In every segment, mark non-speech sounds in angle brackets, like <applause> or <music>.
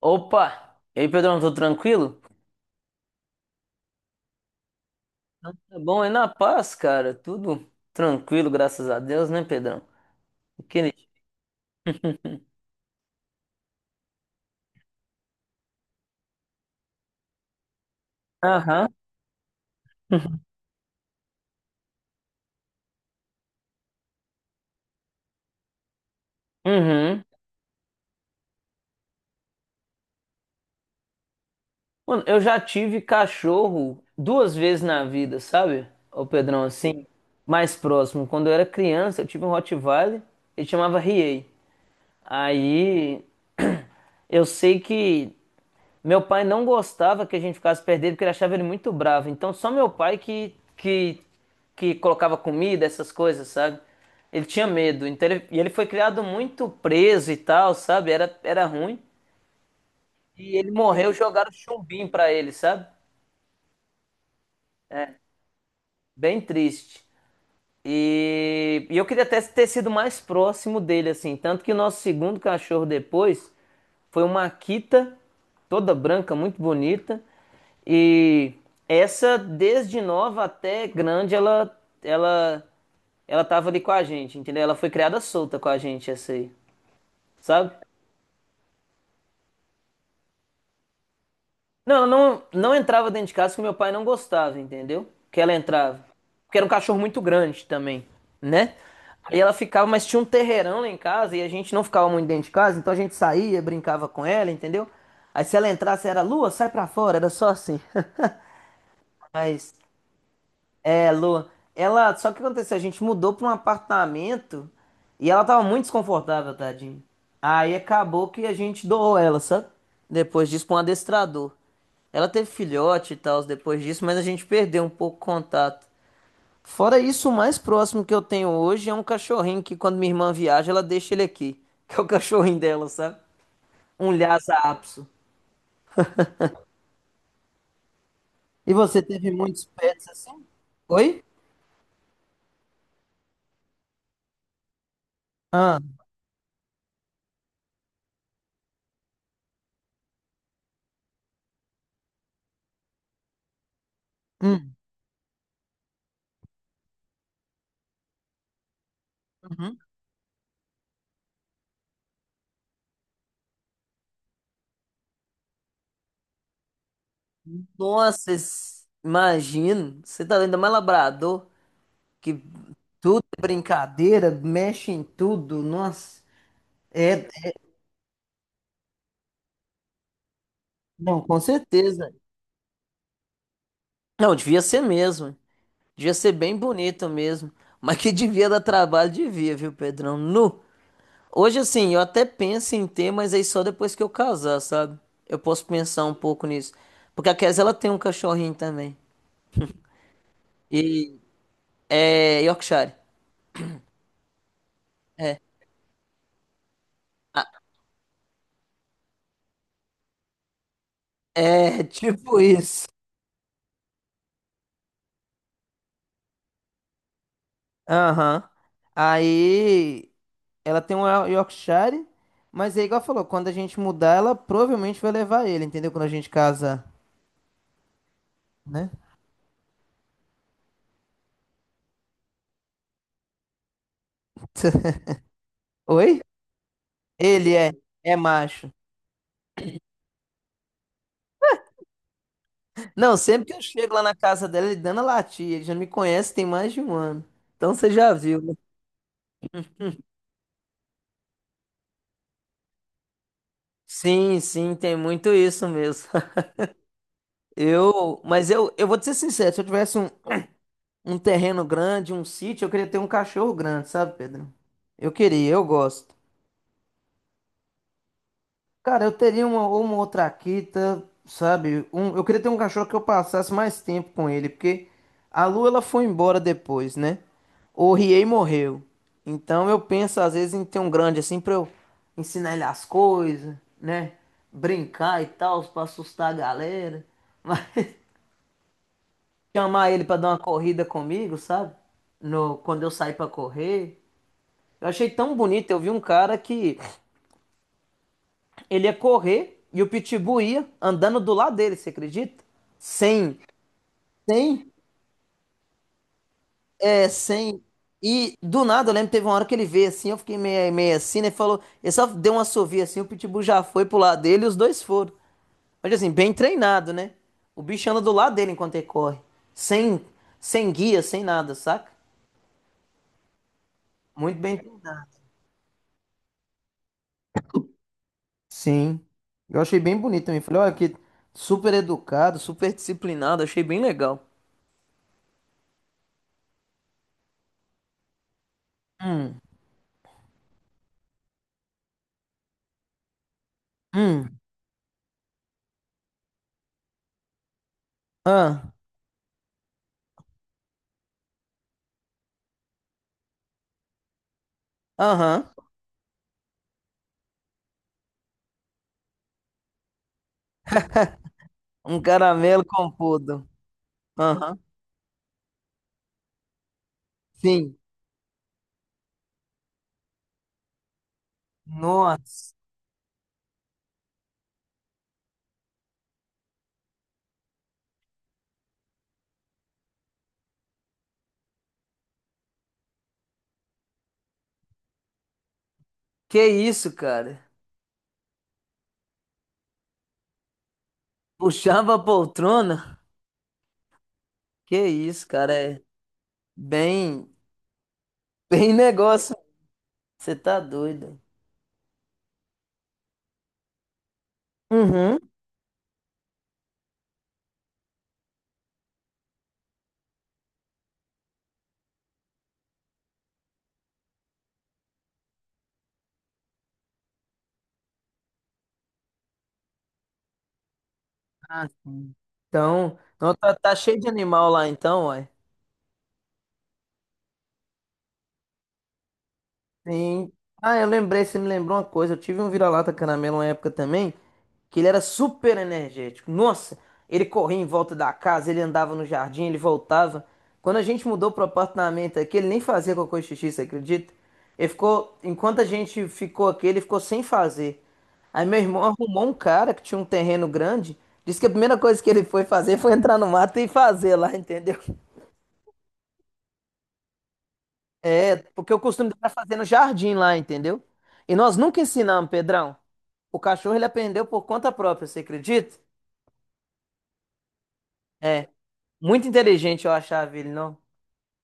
Opa! E aí, Pedrão, tudo tranquilo? Então, tá bom, é na paz, cara? Tudo tranquilo, graças a Deus, né, Pedrão? Aquele... <laughs> Aham. Uhum. Mano, eu já tive cachorro duas vezes na vida, sabe? Ô, Pedrão, assim, mais próximo. Quando eu era criança, eu tive um Rottweiler, ele chamava Riei. Aí, <clears throat> eu sei que meu pai não gostava que a gente ficasse perto porque ele achava ele muito bravo. Então só meu pai que colocava comida, essas coisas, sabe? Ele tinha medo. Então ele, e ele foi criado muito preso e tal, sabe? Era ruim. E ele morreu, jogaram chumbinho pra ele, sabe? Bem triste. E eu queria até ter sido mais próximo dele, assim. Tanto que o nosso segundo cachorro depois foi uma Akita, toda branca, muito bonita. E essa, desde nova até grande, ela, ela tava ali com a gente, entendeu? Ela foi criada solta com a gente, essa aí, sabe? Não, entrava dentro de casa que meu pai não gostava, entendeu? Que ela entrava. Porque era um cachorro muito grande também, né? Aí ela ficava, mas tinha um terreirão lá em casa e a gente não ficava muito dentro de casa, então a gente saía, brincava com ela, entendeu? Aí se ela entrasse era Lua, sai pra fora, era só assim. <laughs> Mas é, Lu, ela. Só que o que aconteceu? A gente mudou pra um apartamento e ela tava muito desconfortável, tadinho. Aí acabou que a gente doou ela, sabe? Depois disso, pra um adestrador. Ela teve filhote e tal depois disso, mas a gente perdeu um pouco o contato. Fora isso, o mais próximo que eu tenho hoje é um cachorrinho que quando minha irmã viaja, ela deixa ele aqui, <laughs> que é o cachorrinho dela, sabe? Um Lhasa Apso. E você teve muitos pets assim? Oi? Ah. Hum. Hum. Nossa, imagino. Você tá ainda mais labrador, que tudo é brincadeira, mexe em tudo. Nossa, é. É, não, com certeza. Não, devia ser mesmo. Devia ser bem bonito mesmo. Mas que devia dar trabalho, devia, viu, Pedrão? Nu. Hoje, assim, eu até penso em ter, mas aí só depois que eu casar, sabe? Eu posso pensar um pouco nisso. Porque a Kes, ela tem um cachorrinho também. E é Yorkshire. É, <laughs> tipo isso. Aham. Aí ela tem um Yorkshire, mas é igual falou, quando a gente mudar, ela provavelmente vai levar ele, entendeu? Quando a gente casa, né? Oi? Ele é, é macho. Não, sempre que eu chego lá na casa dela, ele dando a latir, ele já me conhece tem mais de um ano. Então você já viu, né? Sim, sim, tem muito isso mesmo. <laughs> Eu vou te ser sincero, se eu tivesse um terreno grande, um sítio, eu queria ter um cachorro grande, sabe, Pedro? Eu queria, eu gosto. Cara, eu teria uma outra Akita, sabe? Um, eu queria ter um cachorro que eu passasse mais tempo com ele, porque a Lu ela foi embora depois, né? O Riei morreu. Então eu penso às vezes em ter um grande assim pra eu ensinar ele as coisas, né? Brincar e tal, pra assustar a galera. Mas <laughs> chamar ele pra dar uma corrida comigo, sabe? No, quando eu saí pra correr. Eu achei tão bonito, eu vi um cara que ele ia correr e o Pitbull ia andando do lado dele, você acredita? Sem, sem, é, sem. E do nada, eu lembro que teve uma hora que ele veio assim, eu fiquei meio assim, né? Falou, ele só deu uma assovio assim, o Pitbull já foi pro lado dele e os dois foram. Mas assim, bem treinado, né? O bicho anda do lado dele enquanto ele corre. Sem, sem guia, sem nada, saca? Muito bem. Sim. Eu achei bem bonito também. Falei, olha que super educado, super disciplinado, achei bem legal. Hum. Ah, aham. Um caramelo composto. Aham. Sim. Nossa. Que isso, cara? Puxava a poltrona? Que isso, cara? É bem, bem <laughs> negócio. Você tá doido. Uhum. Ah, sim. Então, não, tá, tá cheio de animal lá então, ué. Sim. Ah, eu lembrei, você me lembrou uma coisa. Eu tive um vira-lata caramelo uma época também, que ele era super energético. Nossa, ele corria em volta da casa, ele andava no jardim, ele voltava. Quando a gente mudou pro apartamento aqui, ele nem fazia cocô e xixi, você acredita? Ele ficou, enquanto a gente ficou aqui, ele ficou sem fazer. Aí meu irmão arrumou um cara que tinha um terreno grande, disse que a primeira coisa que ele foi fazer foi entrar no mato e fazer lá, <laughs> entendeu? É, porque eu costumo deixar fazer no jardim lá, entendeu? E nós nunca ensinamos, Pedrão. O cachorro ele aprendeu por conta própria, você acredita? É, muito inteligente eu achava ele, não?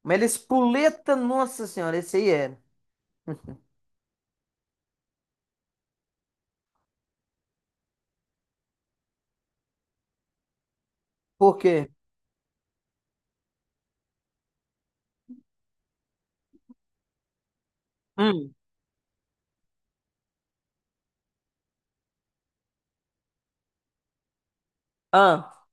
Mas ele espoleta, nossa senhora, esse aí era. Por quê? Hum. Ah,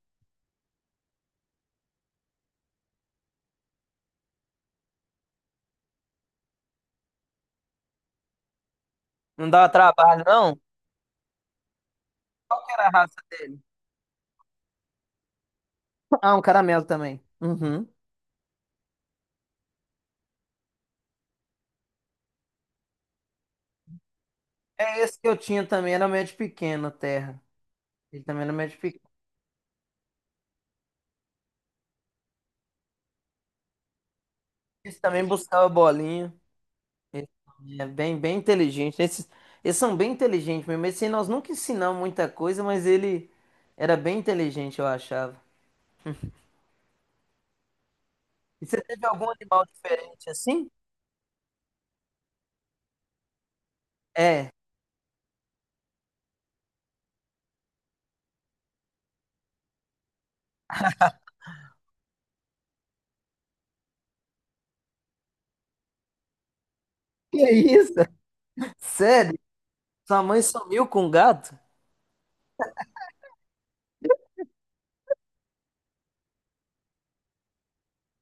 não dava trabalho, não? Qual que era a raça dele? Ah, um caramelo também. Uhum. É esse que eu tinha também, era médio pequeno, terra. Ele também era médio pequeno. Esse também buscava bolinha. Ele é bem, bem inteligente. Esses, eles são bem inteligentes mesmo. Esse aí nós nunca ensinamos muita coisa, mas ele era bem inteligente, eu achava. E você teve algum animal diferente assim? É. Que isso? Sério? Sua mãe sumiu com um gato?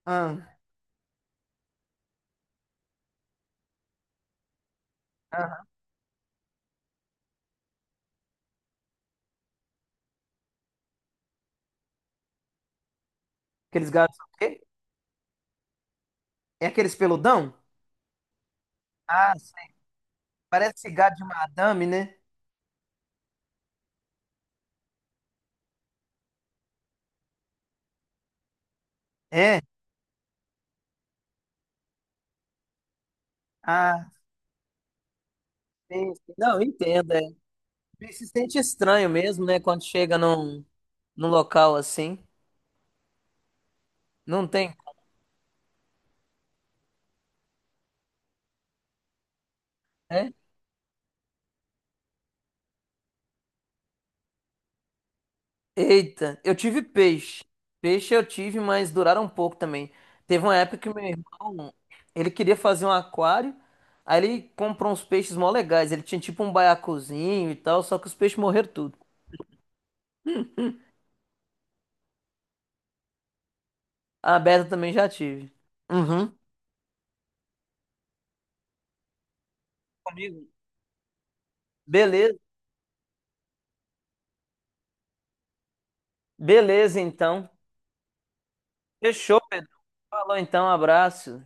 Ah, ah. Aqueles gatos são o quê? É aqueles peludão? Ah, sei. Parece gato de madame, né? É. Ah, sim. Sim. Não, entendo. É. E se sente estranho mesmo, né? Quando chega num local assim. Não tem. Né? Eita, eu tive peixe. Peixe eu tive, mas duraram um pouco também. Teve uma época que meu irmão, ele queria fazer um aquário, aí ele comprou uns peixes mó legais. Ele tinha tipo um baiacuzinho e tal, só que os peixes morreram tudo. A Beta também já tive. Uhum. Comigo. Beleza, beleza então. Fechou, Pedro. Falou então, abraço.